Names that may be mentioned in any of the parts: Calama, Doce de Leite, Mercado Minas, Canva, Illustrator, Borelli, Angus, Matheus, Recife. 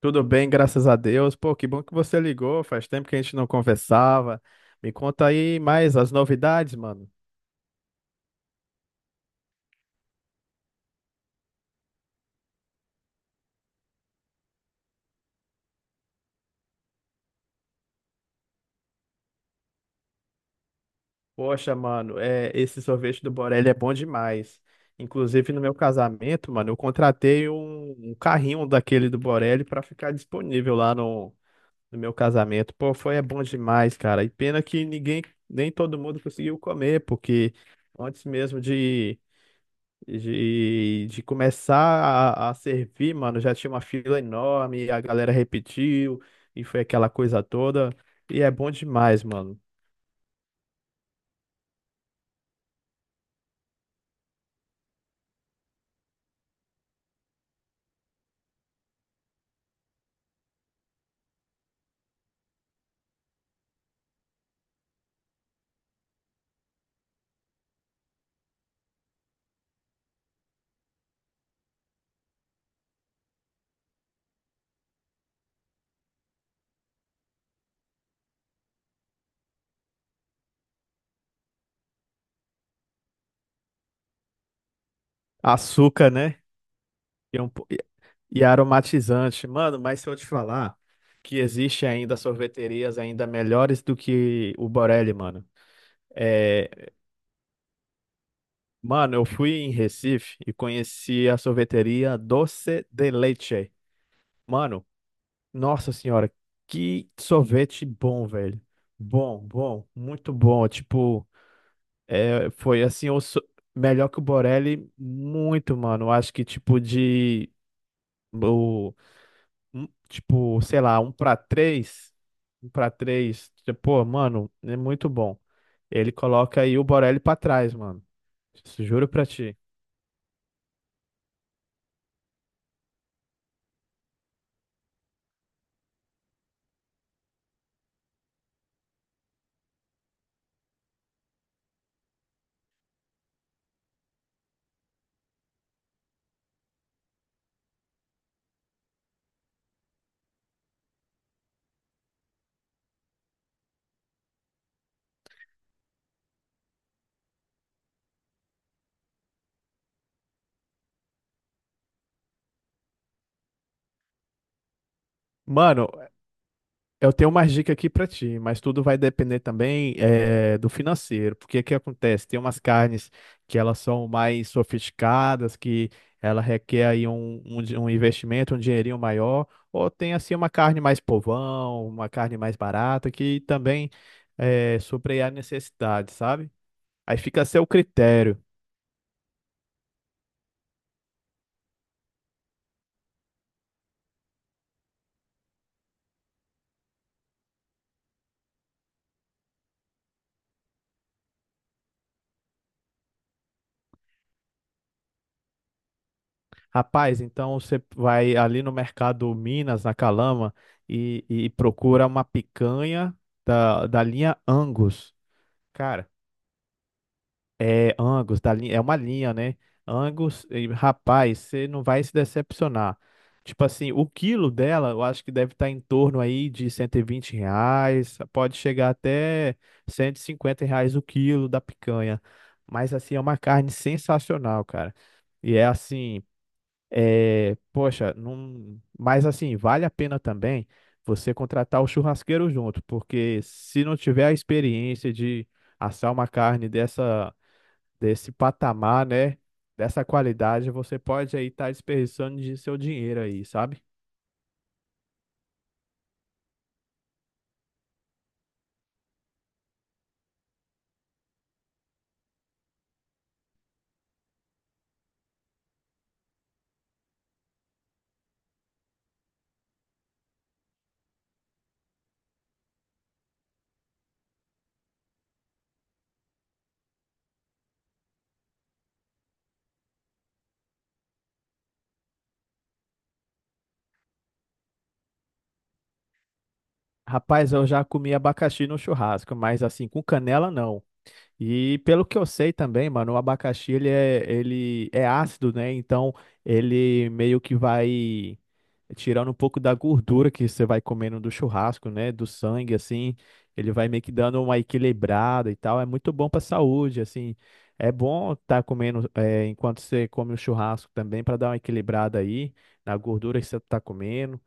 Tudo bem, graças a Deus. Pô, que bom que você ligou. Faz tempo que a gente não conversava. Me conta aí mais as novidades, mano. Poxa, mano, é, esse sorvete do Borelli é bom demais. Inclusive, no meu casamento, mano, eu contratei um carrinho daquele do Borelli pra ficar disponível lá no meu casamento. Pô, foi é bom demais, cara. E pena que nem todo mundo conseguiu comer, porque antes mesmo de começar a servir, mano, já tinha uma fila enorme, a galera repetiu, e foi aquela coisa toda. E é bom demais, mano. Açúcar, né? E, é um po- e- e aromatizante. Mano, mas se eu te falar que existe ainda sorveterias ainda melhores do que o Borelli, mano. É, mano, eu fui em Recife e conheci a sorveteria Doce de Leite. Mano, nossa senhora, que sorvete bom, velho. Bom, bom, muito bom. Tipo, é, foi assim, melhor que o Borelli, muito, mano. Acho que o, tipo, sei lá, um pra três. Tipo, pô, mano, é muito bom. Ele coloca aí o Borelli pra trás, mano. Isso, juro pra ti. Mano, eu tenho umas dicas aqui para ti, mas tudo vai depender também do financeiro, porque o que acontece? Tem umas carnes que elas são mais sofisticadas, que ela requer aí um investimento, um dinheirinho maior, ou tem assim uma carne mais povão, uma carne mais barata, que também supre a necessidade, sabe? Aí fica a seu critério. Rapaz, então você vai ali no Mercado Minas, na Calama, e procura uma picanha da linha Angus. Cara, é Angus, da linha, é uma linha, né? Angus, e, rapaz, você não vai se decepcionar. Tipo assim, o quilo dela, eu acho que deve estar em torno aí de R$ 120, pode chegar até R$ 150 o quilo da picanha. Mas assim, é uma carne sensacional, cara. E é assim, é, poxa, não, mas assim, vale a pena também você contratar o churrasqueiro junto, porque se não tiver a experiência de assar uma carne dessa desse patamar, né? Dessa qualidade, você pode aí estar desperdiçando de seu dinheiro aí, sabe? Rapaz, eu já comi abacaxi no churrasco, mas assim, com canela não. E pelo que eu sei também, mano, o abacaxi ele é ácido, né? Então ele meio que vai tirando um pouco da gordura que você vai comendo do churrasco, né? Do sangue, assim. Ele vai meio que dando uma equilibrada e tal. É muito bom pra saúde, assim. É bom estar comendo é, enquanto você come o churrasco também, para dar uma equilibrada aí na gordura que você tá comendo.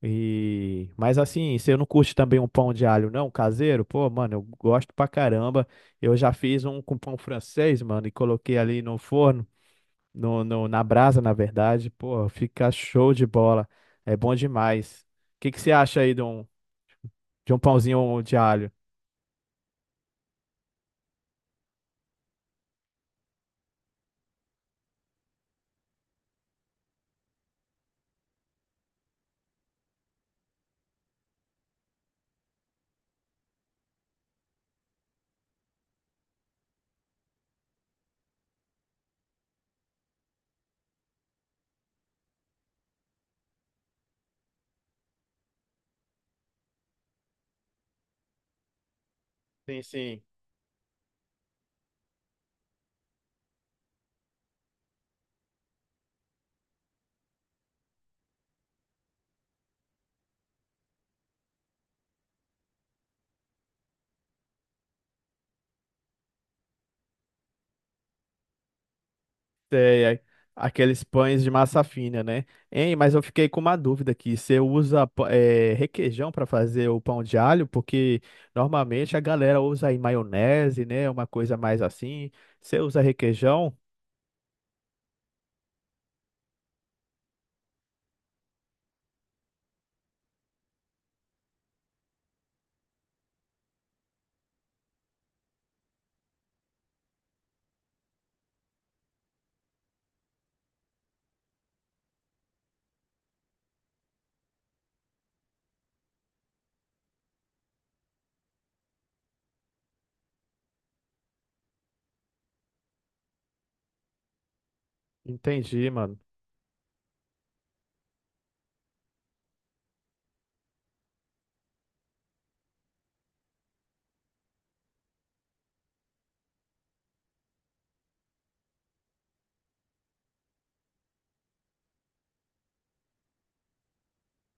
E, mas assim, você não curte também um pão de alho, não, caseiro? Pô, mano, eu gosto pra caramba. Eu já fiz um com pão francês, mano, e coloquei ali no forno, na brasa, na verdade. Pô, fica show de bola. É bom demais. O que que você acha aí de um pãozinho de alho? Sim, sim. Sei, é aqueles pães de massa fina, né? Hein, mas eu fiquei com uma dúvida aqui. Você usa requeijão para fazer o pão de alho? Porque normalmente a galera usa aí maionese, né? Uma coisa mais assim. Você usa requeijão? Entendi, mano.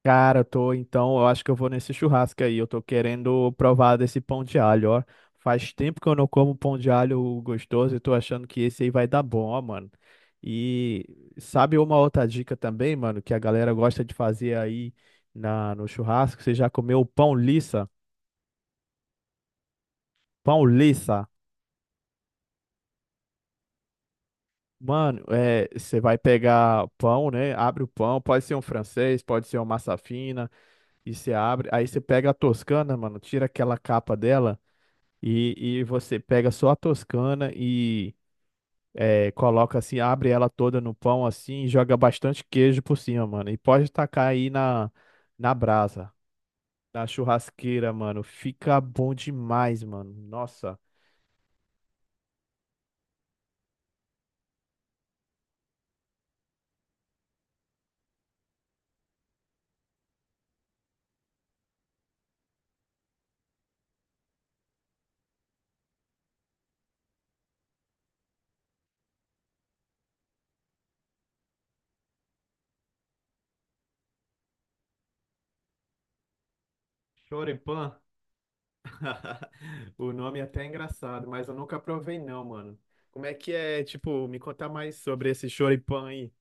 Cara, eu tô, então, eu acho que eu vou nesse churrasco aí. Eu tô querendo provar desse pão de alho, ó. Faz tempo que eu não como pão de alho gostoso e tô achando que esse aí vai dar bom, ó, mano. E sabe uma outra dica também, mano, que a galera gosta de fazer aí no churrasco? Você já comeu pão liça? Pão liça. Mano, é, você vai pegar pão, né? Abre o pão, pode ser um francês, pode ser uma massa fina, e você abre. Aí você pega a toscana, mano, tira aquela capa dela. E, e você pega só a Toscana e coloca assim, abre ela toda no pão assim e joga bastante queijo por cima, mano. E pode tacar aí na brasa, na churrasqueira, mano. Fica bom demais, mano. Nossa. Choripan? O nome é até engraçado, mas eu nunca provei não, mano. Como é que é, tipo, me contar mais sobre esse choripan aí?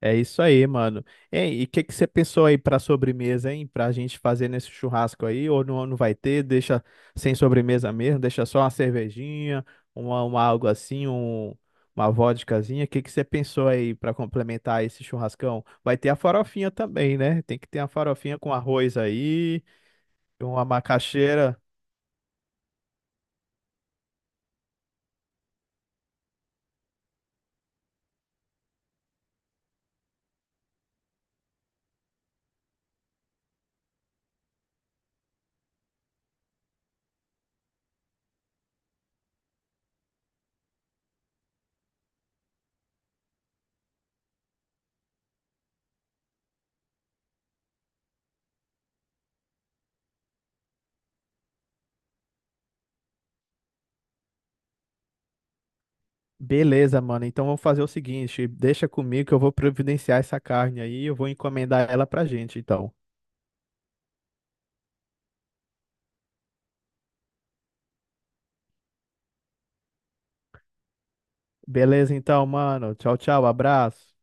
É isso aí, mano. Ei, e o que que você pensou aí pra sobremesa, hein? Pra gente fazer nesse churrasco aí? Ou não, não vai ter? Deixa sem sobremesa mesmo? Deixa só uma cervejinha, uma algo assim, um, uma vodkazinha. O que que você pensou aí pra complementar esse churrascão? Vai ter a farofinha também, né? Tem que ter a farofinha com arroz aí, uma macaxeira. Beleza, mano. Então vamos fazer o seguinte: deixa comigo que eu vou providenciar essa carne aí. Eu vou encomendar ela pra gente, então. Beleza, então, mano. Tchau, tchau. Abraço.